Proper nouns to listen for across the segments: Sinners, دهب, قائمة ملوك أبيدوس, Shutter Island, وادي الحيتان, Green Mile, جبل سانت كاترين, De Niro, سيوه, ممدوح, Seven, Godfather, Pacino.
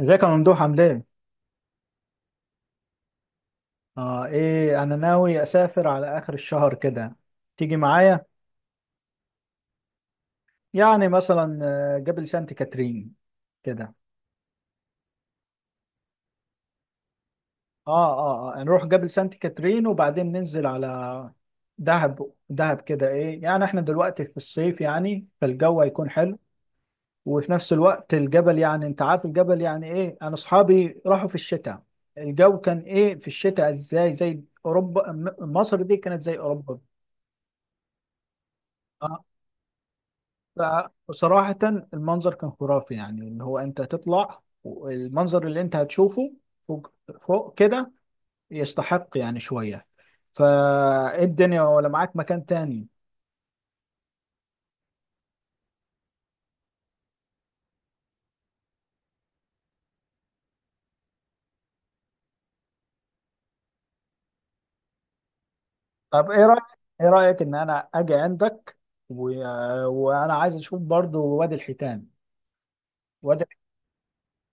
ازيك يا ممدوح عامل ايه؟ انا ناوي اسافر على اخر الشهر كده. تيجي معايا؟ يعني مثلا، جبل سانت كاترين كده. اه نروح جبل سانت كاترين وبعدين ننزل على دهب كده. ايه يعني احنا دلوقتي في الصيف، يعني فالجو هيكون حلو، وفي نفس الوقت الجبل يعني انت عارف الجبل يعني ايه. انا اصحابي راحوا في الشتاء، الجو كان ايه في الشتاء، ازاي زي اوروبا. مصر دي كانت زي اوروبا. آه، فصراحة المنظر كان خرافي، يعني اللي هو انت تطلع والمنظر اللي انت هتشوفه فوق، كده، يستحق يعني شوية فالدنيا، ولا معاك مكان تاني. طب ايه رأيك، ان انا اجي عندك و... وانا عايز اشوف برضو وادي الحيتان. وادي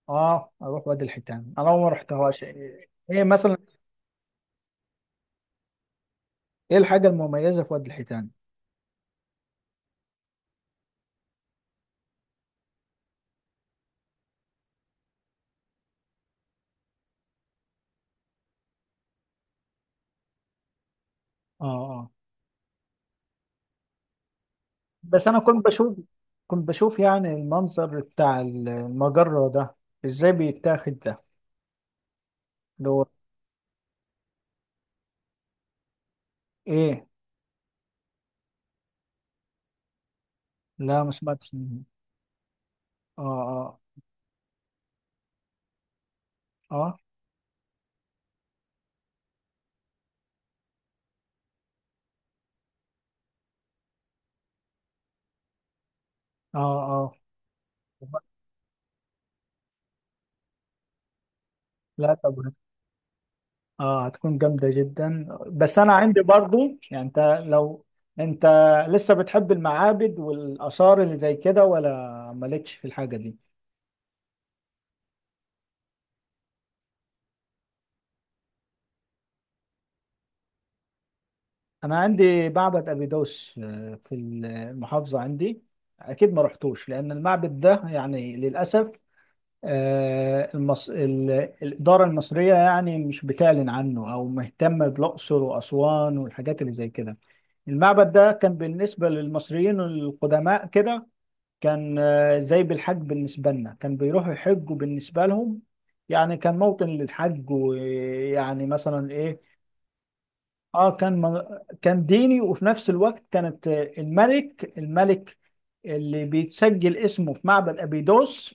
اه اروح وادي الحيتان، انا ما رحتهاش. ايه إيه مثلا؟ ايه الحاجة المميزة في وادي الحيتان؟ اه اه. بس انا كنت بشوف، يعني المنظر بتاع المجرة ده، ازاي بيتاخد ده؟ اللي هو ايه؟ لا، ما سمعتش منه. اه اه. اه اه. اه. لا طب، اه هتكون جامدة جدا، بس انا عندي برضو. يعني انت، لو انت لسه بتحب المعابد والاثار اللي زي كده ولا مالكش في الحاجة دي؟ انا عندي معبد ابيدوس، آه، في المحافظة عندي. اكيد ما رحتوش لان المعبد ده يعني للاسف، آه، المص... ال... الإدارة المصرية يعني مش بتعلن عنه أو مهتمة بالأقصر وأسوان والحاجات اللي زي كده. المعبد ده كان بالنسبة للمصريين القدماء كده، كان آه، زي بالحج بالنسبة لنا، كان بيروحوا يحجوا بالنسبة لهم. يعني كان موطن للحج، ويعني مثلا إيه. اه كان من- كان ديني، وفي نفس الوقت كانت، آه، الملك، اللي بيتسجل اسمه في معبد ابيدوس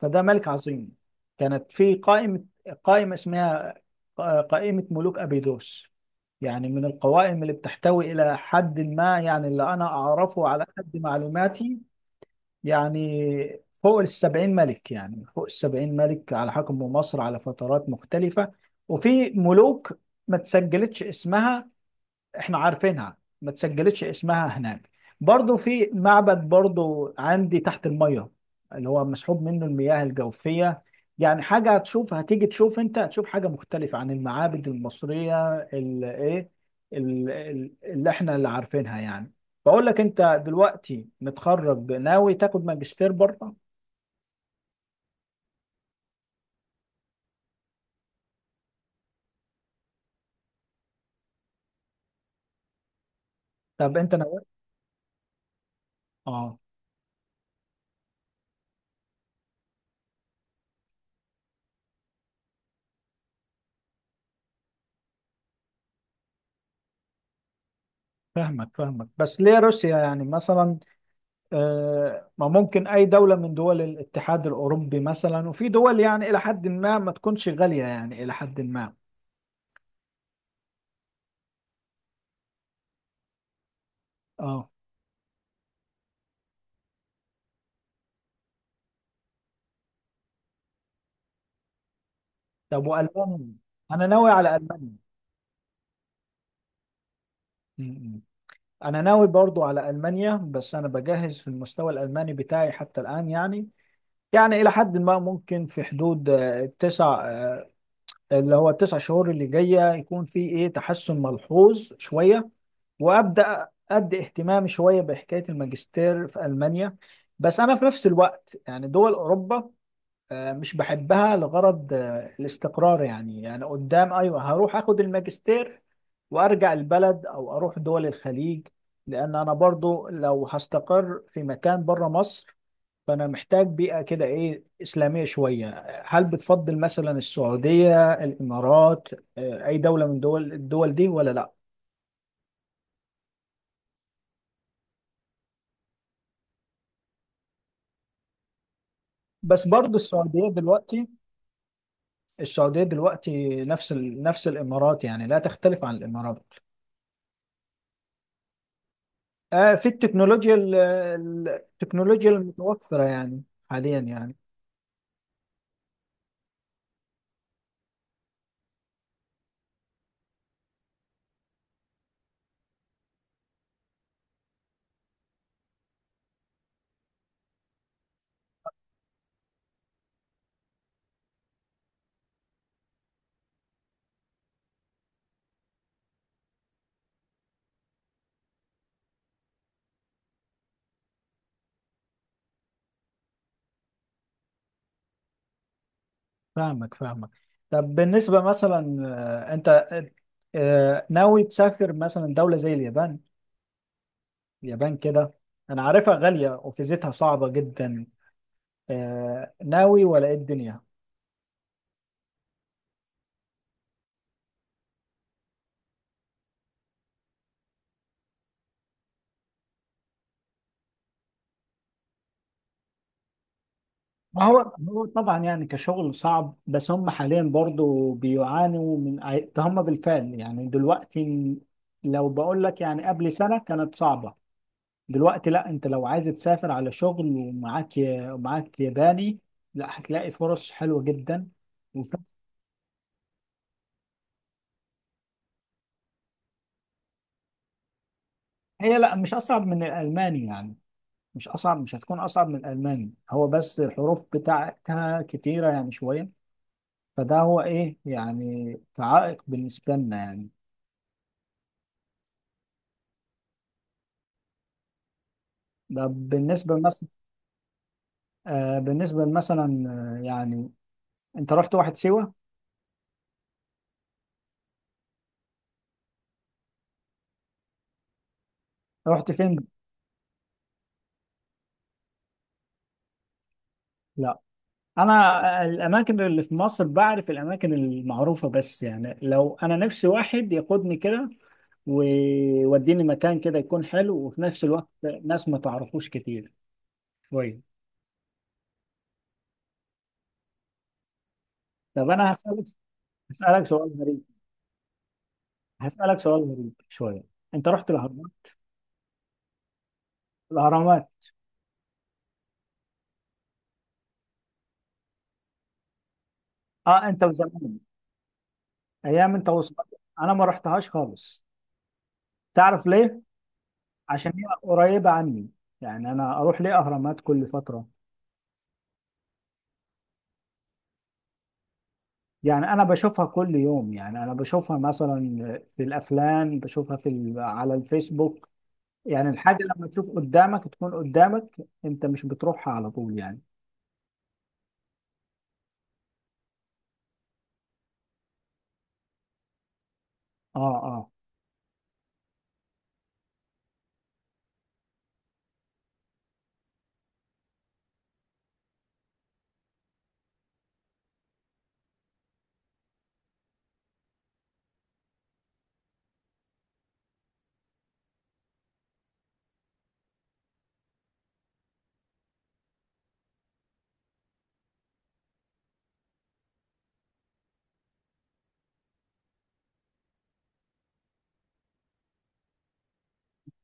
فده ملك عظيم. كانت في قائمة، اسمها آه، قائمة ملوك أبيدوس. يعني من القوائم اللي بتحتوي إلى حد ما، يعني اللي أنا أعرفه على قد معلوماتي، يعني فوق السبعين ملك، على حكم مصر على فترات مختلفة. وفي ملوك ما تسجلتش اسمها، احنا عارفينها، ما تسجلتش اسمها هناك. برضو في معبد برضو عندي تحت المية، اللي هو مسحوب منه المياه الجوفية. يعني حاجة هتشوف، هتيجي تشوف، انت هتشوف حاجة مختلفة عن المعابد المصرية اللي احنا اللي عارفينها يعني. بقول لك انت دلوقتي متخرج ناوي تاخد ماجستير بره؟ طب انت ناوي؟ اه. فاهمك فاهمك، بس ليه روسيا يعني مثلا؟ آه، ما ممكن أي دولة من دول الاتحاد الأوروبي مثلا، وفي دول يعني إلى حد ما ما تكونش غالية يعني إلى حد ما. اه. طب وألمانيا؟ أنا ناوي على ألمانيا. م- م. أنا ناوي برضو على ألمانيا، بس أنا بجهز في المستوى الألماني بتاعي حتى الآن، يعني يعني إلى حد ما ممكن في حدود آه، تسع آه، اللي هو التسع شهور اللي جايه يكون في ايه تحسن ملحوظ شويه، وابدا ادي اهتمامي شويه بحكايه الماجستير في المانيا. بس انا في نفس الوقت يعني دول اوروبا آه، مش بحبها لغرض آه، الاستقرار. يعني يعني قدام ايوه هروح اخد الماجستير وارجع البلد، او اروح دول الخليج. لان انا برضو لو هستقر في مكان بره مصر فأنا محتاج بيئة كده إيه إسلامية شوية. هل بتفضل مثلا السعودية، الإمارات، آه، أي دولة من دول دي ولا لأ؟ بس برضو السعودية دلوقتي، نفس نفس الإمارات، يعني لا تختلف عن الإمارات. آه في التكنولوجيا، التكنولوجيا المتوفرة يعني حاليا يعني. فاهمك فاهمك. طب بالنسبة مثلا، آه، أنت آه، آه، ناوي تسافر مثلا دولة زي اليابان؟ اليابان كده انا عارفها غالية وفيزتها صعبة جدا. آه، ناوي ولا ايه الدنيا؟ ما هو، هو طبعا يعني كشغل صعب، بس هم حاليا برضو بيعانوا من ده. هم بالفعل يعني دلوقتي، لو بقول لك يعني قبل سنة كانت صعبة، دلوقتي لا، انت لو عايز تسافر على شغل ومعاك ومعاك ياباني، لا هتلاقي فرص حلوة جدا. وف- هي لا، مش اصعب من الالماني يعني. مش اصعب، مش هتكون اصعب من الالماني. هو بس الحروف بتاعتها كتيره يعني شويه، فده هو ايه يعني كعائق بالنسبه لنا يعني. ده بالنسبه مثلا، آه بالنسبه مثلا يعني انت رحت واحد سيوه؟ رحت فين؟ لا انا آه، الاماكن اللي في مصر بعرف الاماكن المعروفه، بس يعني لو انا نفسي واحد ياخدني كده ويوديني مكان كده يكون حلو وفي نفس الوقت ناس ما تعرفوش كتير شويه. طب انا هسألك، هسألك سؤال غريب هسألك سؤال غريب شوية. انت رحت الاهرامات؟ الاهرامات؟ اه، انت وزمان، ايام انت وصغير. انا ما رحتهاش خالص. تعرف ليه؟ عشان هي قريبة عني. يعني انا اروح ليه اهرامات كل فترة؟ يعني انا بشوفها كل يوم، يعني انا بشوفها مثلا في الافلام، بشوفها في على الفيسبوك. يعني الحاجة لما تشوف قدامك تكون قدامك، انت مش بتروحها على طول يعني. اه. اه.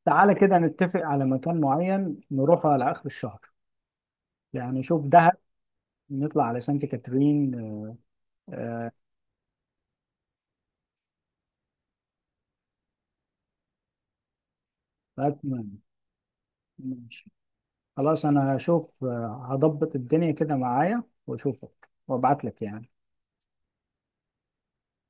تعالى كده نتفق على مكان معين نروحه على اخر الشهر. يعني شوف دهب، نطلع على سانت كاترين. آه، أتمنى. ماشي، خلاص، أنا هشوف آه، هضبط الدنيا كده معايا وأشوفك وأبعت لك يعني.